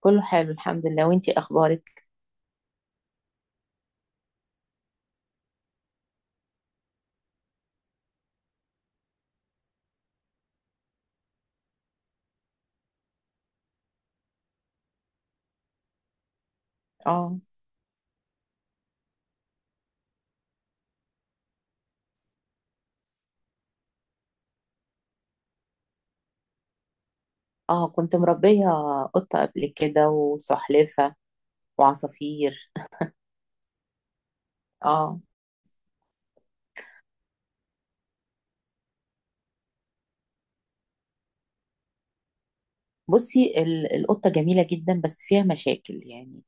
كله حلو الحمد لله وانتي اخبارك. اه اه. كنت مربية قطة قبل كده، وسلحفة، وعصافير. اه، بصي، القطة جميلة جدا بس فيها مشاكل. يعني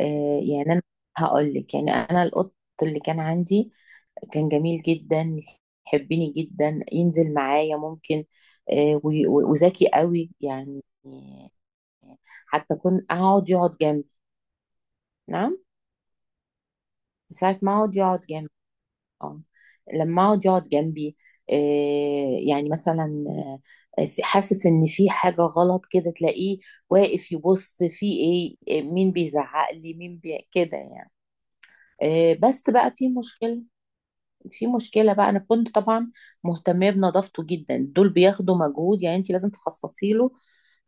آه، يعني انا هقول لك، يعني انا القط اللي كان عندي كان جميل جدا، يحبني جدا، ينزل معايا، ممكن آه وذكي قوي يعني. حتى كنت اقعد يقعد جنبي. نعم. ساعة ما اقعد يقعد جنبي، اه، لما اقعد يقعد جنبي إيه، يعني مثلا آه، حاسس ان في حاجه غلط كده، تلاقيه واقف يبص في ايه، إيه، مين بيزعق لي، مين بي... كده يعني. إيه، بس بقى في مشكله. في مشكلة بقى، أنا كنت طبعا مهتمة بنظافته جدا. دول بياخدوا مجهود، يعني أنت لازم تخصصي له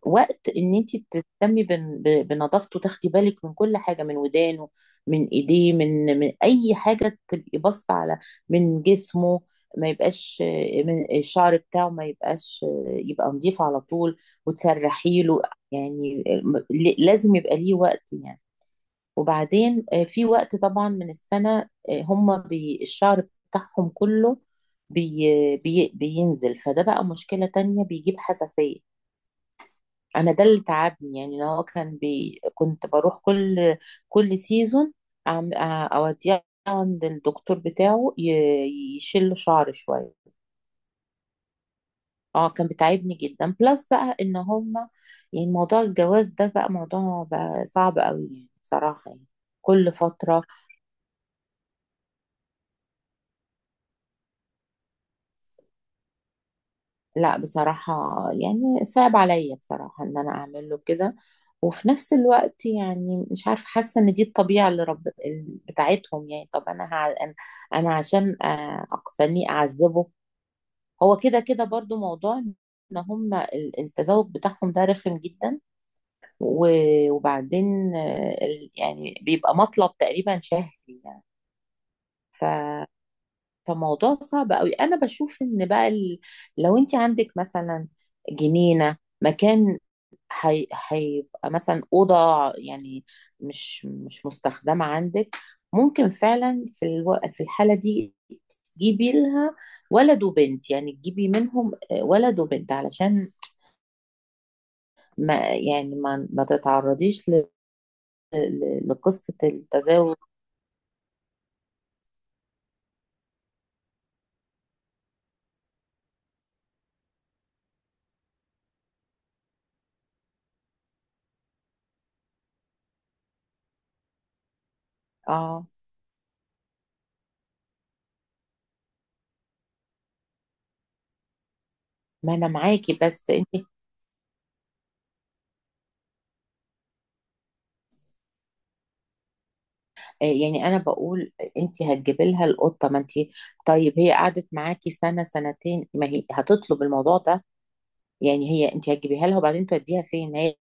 وقت، إن أنت تهتمي بنظافته، تاخدي بالك من كل حاجة، من ودانه، من إيديه، من أي حاجة، تبقي باصة على من جسمه، ما يبقاش آه، من الشعر بتاعه ما يبقاش آه، يبقى نضيف على طول، وتسرحي له. يعني آه، لازم يبقى ليه وقت يعني. وبعدين آه، في وقت طبعا من السنة، آه، هم بي الشعر بتاعهم كله بي بي بينزل، فده بقى مشكلة تانية، بيجيب حساسية. أنا ده اللي تعبني. يعني أنا هو كان بي، كنت بروح كل سيزون، آه، أوديه عند الدكتور بتاعه يشيل له شعر شوية. اه كان بتعبني جدا. بلس بقى ان هم، يعني موضوع الجواز ده بقى موضوع بقى صعب قوي يعني، بصراحة يعني، كل فترة. لا بصراحة، يعني صعب عليا بصراحة ان انا اعمل له كده. وفي نفس الوقت يعني مش عارفة، حاسة ان دي الطبيعة اللي رب بتاعتهم يعني. طب انا هع... انا أنا عشان آه، اقتنيه اعذبه؟ هو كده كده برضو موضوع ان هم التزاوج بتاعهم ده رخم جدا. وبعدين آه، ال- يعني بيبقى مطلب تقريبا شهري يعني. فموضوع صعب قوي. انا بشوف ان بقى ال... لو انت عندك مثلا جنينه، مكان، هي... هيبقى مثلا اوضه يعني مش مستخدمه عندك، ممكن فعلا في الو... في الحاله دي تجيبي لها ولد وبنت، يعني تجيبي منهم ولد وبنت علشان ما، يعني ما تتعرضيش ل... ل... لقصه التزاوج. اه ما انا معاكي، بس آه، يعني انا بقول انت هتجيبي لها القطه، ما انت، طيب هي قعدت معاكي سنه سنتين، ما هي هتطلب الموضوع ده يعني. هي انت هتجيبيها لها وبعدين توديها فين هي؟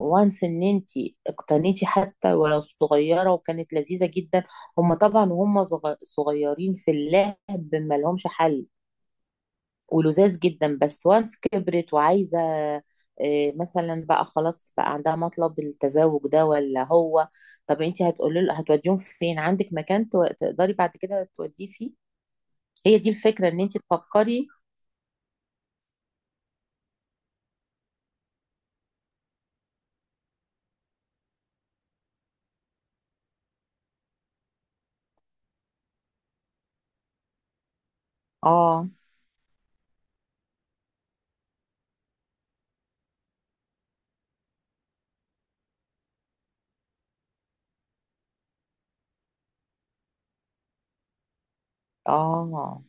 وانس ان انت اقتنيتي حتى ولو صغيره وكانت لذيذه جدا. هم طبعا وهم صغيرين في اللعب ما لهمش حل، ولذاذ جدا. بس وانس كبرت وعايزه آه، مثلا بقى، خلاص بقى عندها مطلب التزوج ده، ولا هو، طب انت هتقولي له، هتوديهم فين؟ عندك مكان تقدري بعد كده توديه فيه؟ هي دي الفكره، ان انت تفكري. اه. اه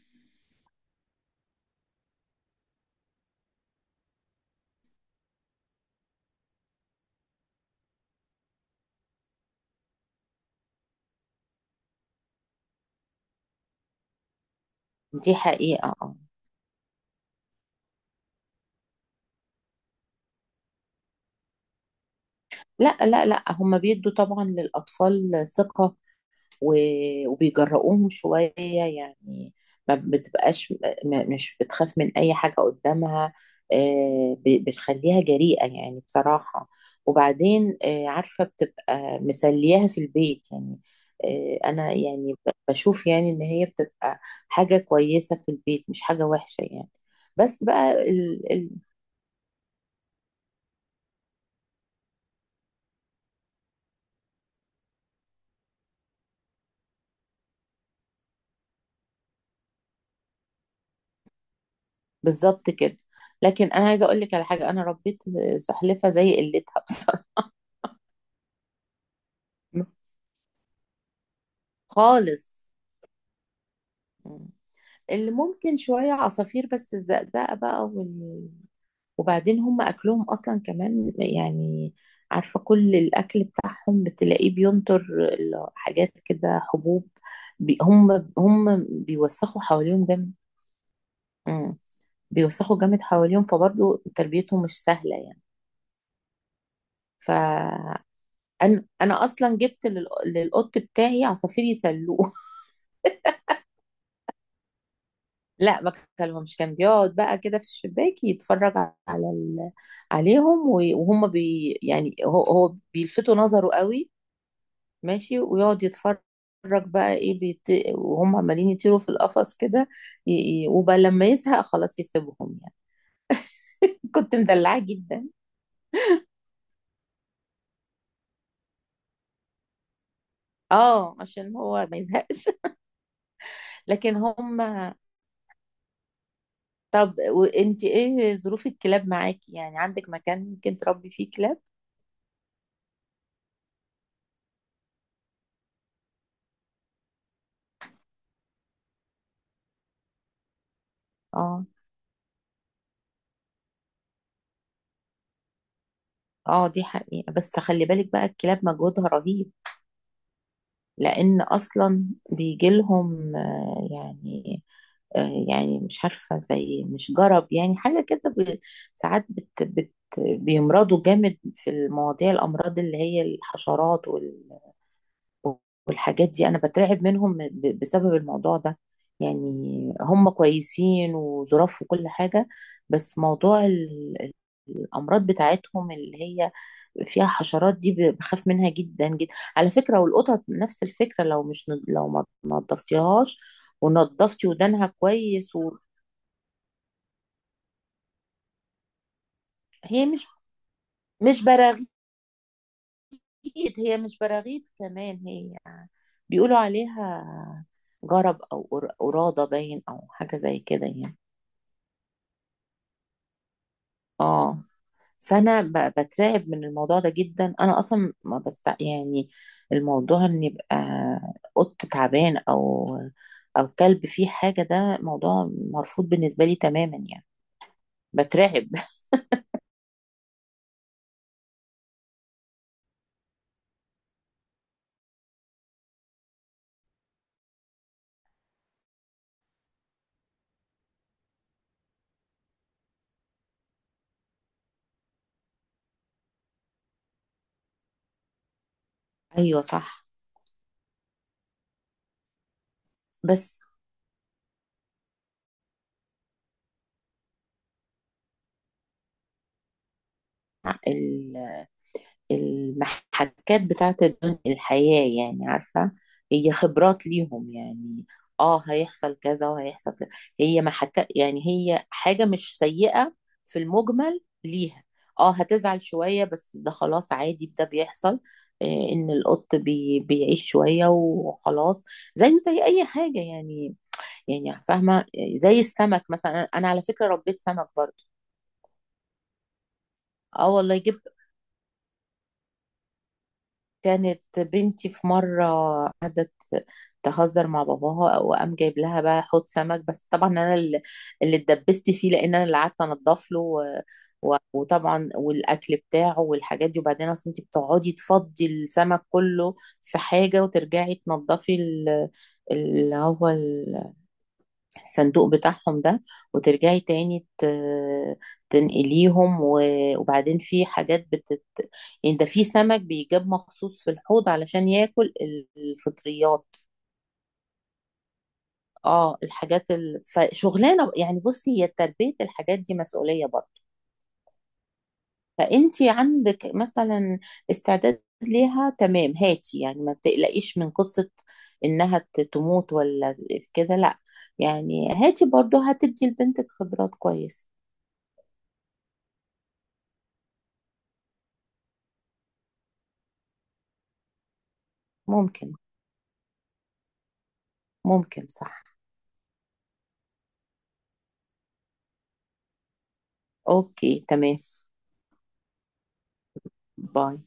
دي حقيقه اه. لا لا لا، هم بيدوا طبعا للاطفال ثقه، وبيجرؤوهم شوية يعني. ما بتبقاش مش بتخاف من أي حاجة قدامها، آه، بتخليها جريئة يعني بصراحة. وبعدين آه، عارفة بتبقى مسلياها في البيت يعني. آه، أنا يعني بشوف يعني إن هي بتبقى حاجة كويسة في البيت، مش حاجة وحشة يعني. بس بقى ال... ال... بالظبط كده. لكن أنا عايزة أقول لك على حاجة. أنا ربيت سلحفة زي قلتها بصراحة. خالص. اللي ممكن شوية عصافير، بس الزقزقة بقى وال... وبعدين هم أكلهم أصلا كمان يعني. عارفة كل الأكل بتاعهم بتلاقيه بينطر، حاجات كده حبوب، بي... هم بيوسخوا حواليهم جامد. مم. بيوسخوا جامد حواليهم، فبرضه تربيتهم مش سهلة يعني. فأنا أنا أصلا جبت لل... للقط بتاعي عصافير يسلوه. لا ما كلمهمش. كان بيقعد بقى كده في الشباك يتفرج على ال... عليهم، وهم بي... يعني هو بيلفتوا نظره قوي. ماشي ويقعد يتفرج، بقى ايه بيت... وهم عمالين يطيروا في القفص كده، ي... وبقى لما يزهق خلاص يسيبهم يعني. كنت مدلعاه جدا. اه عشان هو ما يزهقش. لكن هم، طب وانت ايه ظروف الكلاب معاكي؟ يعني عندك مكان ممكن تربي فيه كلاب؟ اه. اه دي حقيقة، بس خلي بالك بقى الكلاب مجهودها رهيب. لأن أصلا بيجي لهم آه، يعني آه، يعني مش عارفة، زي مش جرب يعني حاجة كده، ساعات بت بيمرضوا جامد في المواضيع، الأمراض اللي هي الحشرات والحاجات دي، انا بترعب منهم بسبب الموضوع ده يعني. هم كويسين وظراف وكل حاجة، بس موضوع الامراض بتاعتهم اللي هي فيها حشرات دي، بخاف منها جدا جدا على فكرة. والقطط نفس الفكرة، لو مش لو ما نضفتيهاش ونضفتي ودانها كويس. وهي مش براغيث، هي مش براغيث، كمان هي بيقولوا عليها جرب او قرادة، باين او حاجة زي كده يعني. اه فانا بترعب من الموضوع ده جدا. انا اصلا ما بست يعني الموضوع ان يبقى قط تعبان، او او كلب فيه حاجه، ده موضوع مرفوض بالنسبه لي تماما يعني. بترعب. ايوه صح. بس المحكات بتاعت الدنيا، الحياة يعني، عارفة هي خبرات ليهم يعني، اه هيحصل كذا وهيحصل كذا، هي محكات، يعني هي حاجة مش سيئة في المجمل ليها. اه هتزعل شوية بس ده خلاص عادي، ده بيحصل آه، ان القط بي بيعيش شوية وخلاص، زيه زي اي حاجة يعني. يعني فاهمة آه، زي السمك مثلا. انا أنا على فكرة ربيت سمك برضه. اه والله جبت، كانت بنتي في مرة قعدت تهزر مع باباها، وقام جايب لها بقى حوض سمك. بس طبعا انا اللي اتدبست فيه، لان انا اللي قعدت انضف له وطبعا والاكل بتاعه والحاجات دي. وبعدين اصل انت بتقعدي تفضي السمك كله في حاجة، وترجعي تنضفي ال- اللي هو ال- الصندوق بتاعهم ده، وترجعي تاني تنقليهم، وبعدين في حاجات بتت يعني. ده في سمك بيجاب مخصوص في الحوض علشان ياكل الفطريات. اه الحاجات ال... فشغلانه يعني. بصي هي تربيه الحاجات دي مسؤوليه برضه. فانت عندك مثلا استعداد ليها، تمام هاتي، يعني ما تقلقيش من قصه انها تموت، ولا كده، لا. يعني هاتي برضه هتدي لبنتك خبرات كويسه. ممكن. ممكن صح. اوكي تمام. باي.